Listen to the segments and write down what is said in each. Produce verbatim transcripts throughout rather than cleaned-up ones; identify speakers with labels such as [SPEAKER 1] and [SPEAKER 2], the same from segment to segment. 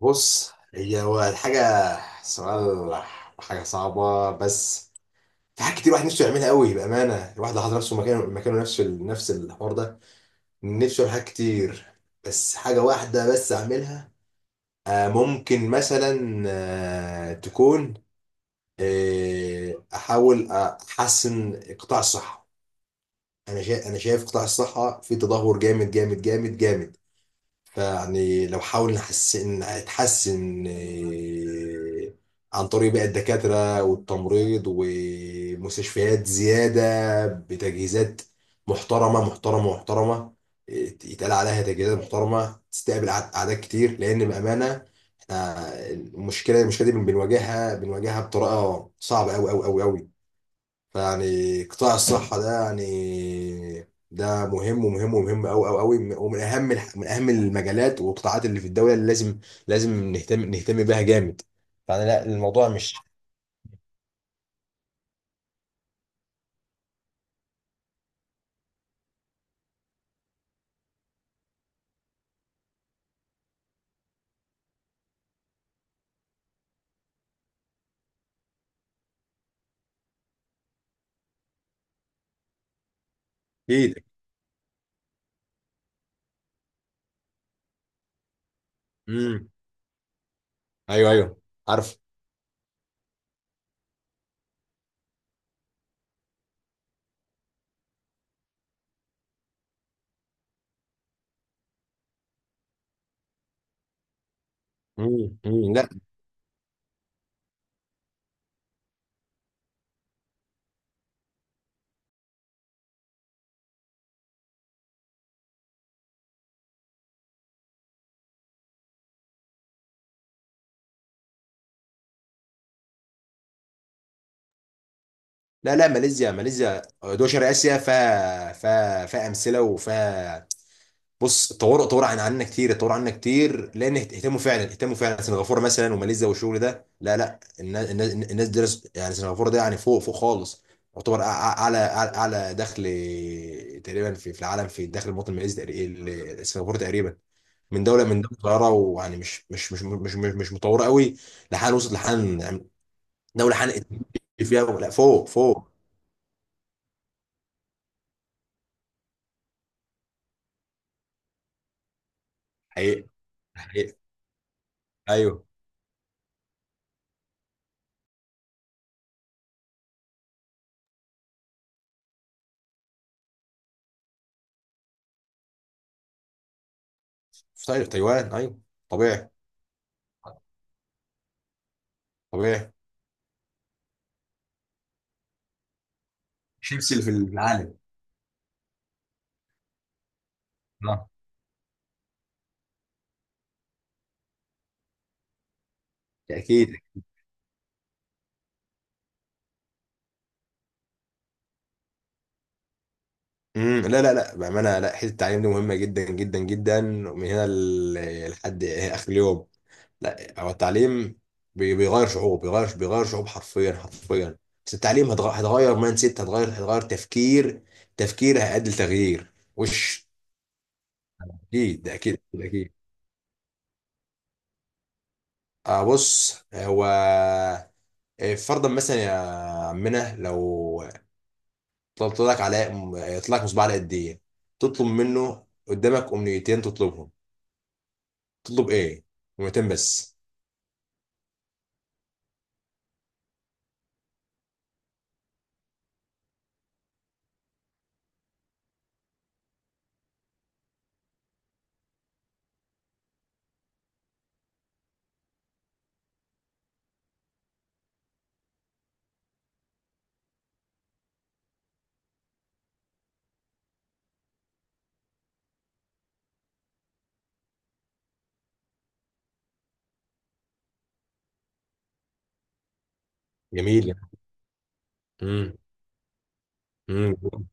[SPEAKER 1] بص، هي هو الحاجة. سؤال. حاجة صعبة. بس في حاجات كتير الواحد نفسه يعملها قوي. بأمانة، الواحد لو حط نفسه مكانه، مكانه نفسه نفس الحوار ده، نفسه يعمل حاجات كتير، بس حاجة واحدة بس أعملها. آه، ممكن مثلا آه، تكون، آه، أحاول أحسن قطاع الصحة. أنا شايف أنا شايف قطاع الصحة في تدهور جامد جامد جامد جامد. فيعني لو حاول نحسن، نتحسن إيه، عن طريق بقى الدكاترة والتمريض ومستشفيات زيادة، بتجهيزات محترمة محترمة محترمة، إيه، يتقال عليها تجهيزات محترمة تستقبل أع- أعداد كتير، لأن بأمانة احنا، المشكلة المشكلة دي بن- بنواجهها بنواجهها بطريقة صعبة أوي أوي أوي أوي. فيعني قطاع الصحة ده يعني، ده مهم ومهم ومهم أوي أوي أوي، ومن أهم الح- من أهم المجالات والقطاعات اللي في الدولة، اللي لازم، لازم نهتم، نهتم بيها جامد. يعني، لا الموضوع مش... أكيد. امم. أيوه أيوه. عارف. امم، امم، لا. لا لا، ماليزيا، ماليزيا دول شرق آسيا فيها، فيها فيها أمثلة، وفيها... بص، طوروا طوروا عن، عنا كتير، طوروا عنا كتير، لان اهت- اهتموا فعلا، اهتموا فعلا. سنغافوره مثلا، وماليزيا، والشغل ده. لا لا، الناس الناس الناس درس. يعني سنغافوره ده، يعني فوق، فوق خالص. يعتبر أع- اعلى اعلى أعلى دخل تقريبا في، في العالم. في الدخل، المواطن الماليزي تقري- ال- سنغافوره تقريبا من دوله، من دوله صغيره، ويعني مش مش مش مش مش, مش متطوره قوي، لحال، وصلت لحال يعني. دوله حنقت فيها، لا فوق، فوق. حقيقي. حقيقي. ايوه. طيب تايوان، ايوه. طبيعي. طبيعي. شيبسي اللي في العالم. آه. اكيد. امم، لا لا لا، بامانه، لا حته التعليم دي مهمه جدا جدا جدا، من هنا ل- لحد اخر اليوم. لا هو التعليم بي- بيغير شعوب، بيغير بيغير شعوب حرفيا حرفيا. بس التعليم هتغ- هتغير مايند سيت، هتغير هتغير تفكير، تفكير هيؤدي لتغيير وش. اكيد، ده اكيد، ده اكيد. آه بص هو، آه، فرضا مثلا يا عمنا، لو طلبت لك على... طلع لك مصباح علاء الدين، تطلب منه قدامك امنيتين، تطلبهم، تطلب ايه؟ جملتين بس. جميل. امم. امم.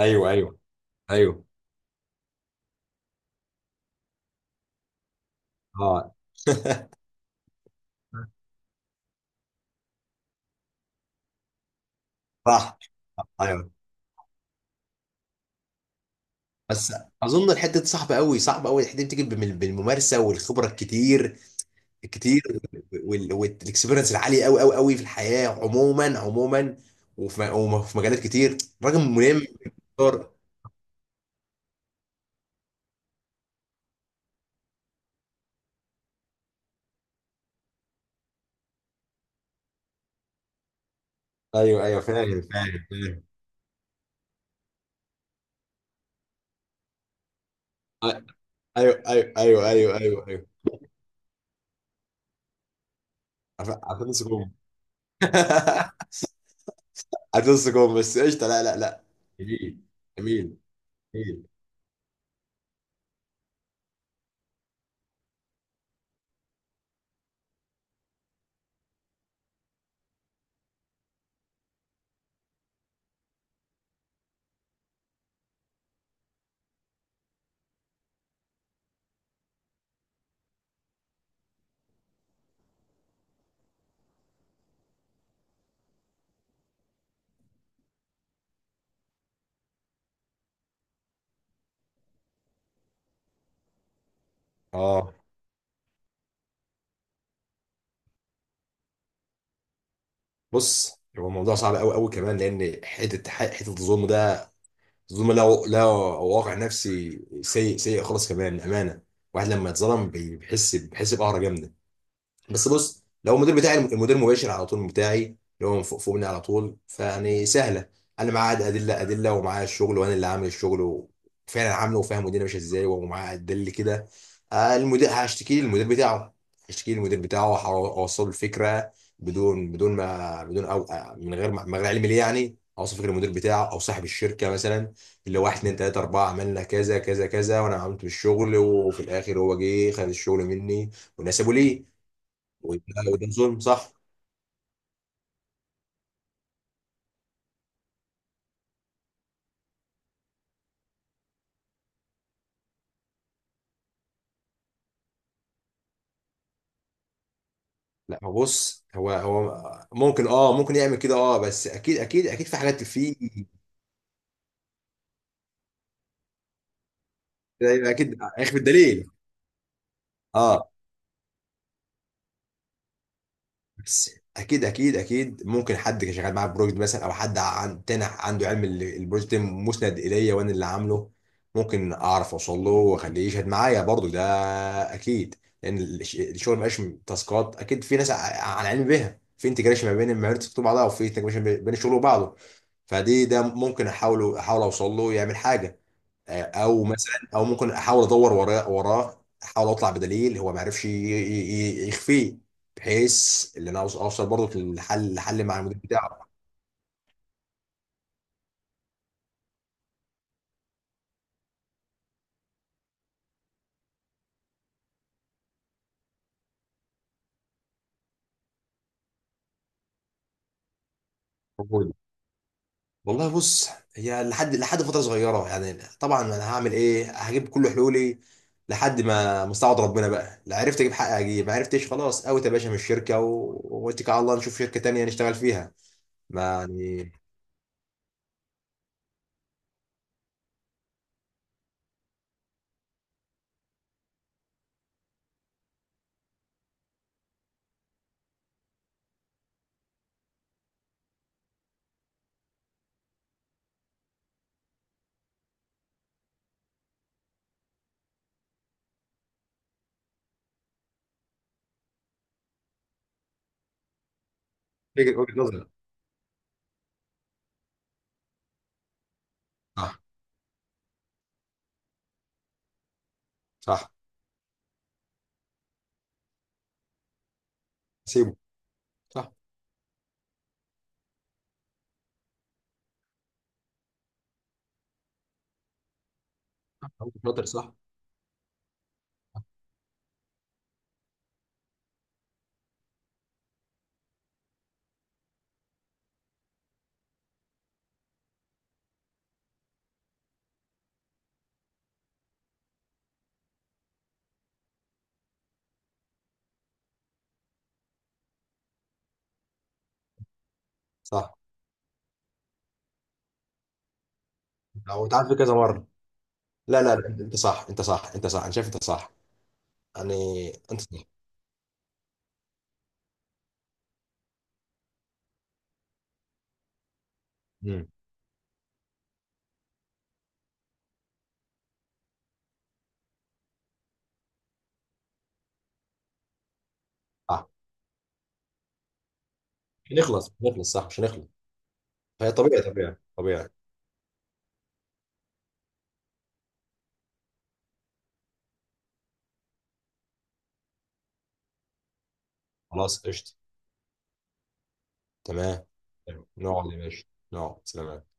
[SPEAKER 1] ايوه ايوه ايوه اه. صح. ايوه. بس اظن الحته دي صعبه قوي، صعبه قوي الحته دي، بتيجي بالم- بالممارسه والخبره الكتير، الكتير، والاكسبيرنس العاليه قوي قوي قوي في الحياه عموما عموما، وفي م- وفي مجالات كتير، راجل ملم. دور. ايوه ايوه، فاهم فاهم فاهم. أ- ايوه ايوه ايوه ايوه ايوه ايوه. عارف- عارفين نسيبهم. هتنسى جون. بس قشطه. لا لا لا. جميل. جميل. جميل. اه بص، هو الموضوع صعب قوي قوي كمان، لان حته حته الظلم ده، الظلم له، له واقع نفسي سيء سيء خالص كمان، امانه. واحد لما يتظلم بي- بيحس، بيحس بقهره جامده. بس بص، لو المدير بتاعي، المدير المباشر على طول بتاعي، اللي هو من فوق، فوق مني على طول، فيعني سهله. انا معاه ادله، ادله ومعاه الشغل، وانا اللي عامل الشغل، وفعلا عامله، وفاهم الدنيا ماشيه ازاي، ومعاه ادله كده. آه، المدير، هشتكي للمدير بتاعه هشتكي للمدير بتاعه، واوصل الفكره. بدون بدون ما، بدون او آه، من غير ما- من غير علم ليه، يعني اوصل فكره المدير بتاعه، او صاحب الشركه مثلا، اللي واحد اتنين تلاته اربعه، عملنا كذا كذا كذا، وانا عملت بالشغل، وفي الاخر هو جه خد الشغل مني والناس سابوا ليه. وده، وده ظلم، صح. لا هو بص، هو هو ممكن، اه ممكن يعمل كده اه، بس اكيد اكيد اكيد، في حاجات في... اكيد هيخفي الدليل. اه، بس اكيد اكيد اكيد، ممكن حد كان شغال معاه في بروجكت مثلا، او حد عن تاني عنده علم ال- البروجكت مسند اليا وانا اللي عامله، ممكن اعرف اوصل له، واخليه يشهد معايا برضو. ده اكيد. لان الش- الشغل مبقاش م- تاسكات، اكيد في ناس ع- على علم بيها، في انتجريشن ما بين المهارات اللي بتكتب بعضها، وفي انتجريشن بين الشغل وبعضه. فدي، ده ممكن احاول، احاول اوصل له يعمل حاجه. آه، او مثلا، او ممكن احاول ادور وراه، وراه احاول اطلع بدليل هو ما عرفش ي- ي- ي- يخفيه، بحيث ان انا أوص- اوصل برضه للحل، الحل مع المدير بتاعه. والله بص، هي لحد، لحد فتره صغيره يعني، طبعا انا هعمل ايه، هجيب كل حلولي لحد ما مستعد ربنا بقى، لا عرفت اجيب حق اجيب، ما عرفتش خلاص اوت يا باشا من الشركه و- واتكل على الله، نشوف شركه تانية نشتغل فيها ما يعني. وجهه، وجهة نظري. صح. صح. سيبه. صح. انت شاطر، صح. صح. او انت عارف، كذا مره. لا لا لا، انت صح، انت صح، انت صح، انا شايف انت صح. يعني، انت صح. امم. صح، مش هنخلص، مش هنخلص، صح مش هنخلص. فهي طبيعي، طبيعي طبيعي. خلاص قشطه. تمام. نقعد يا باشا. نقعد. سلام.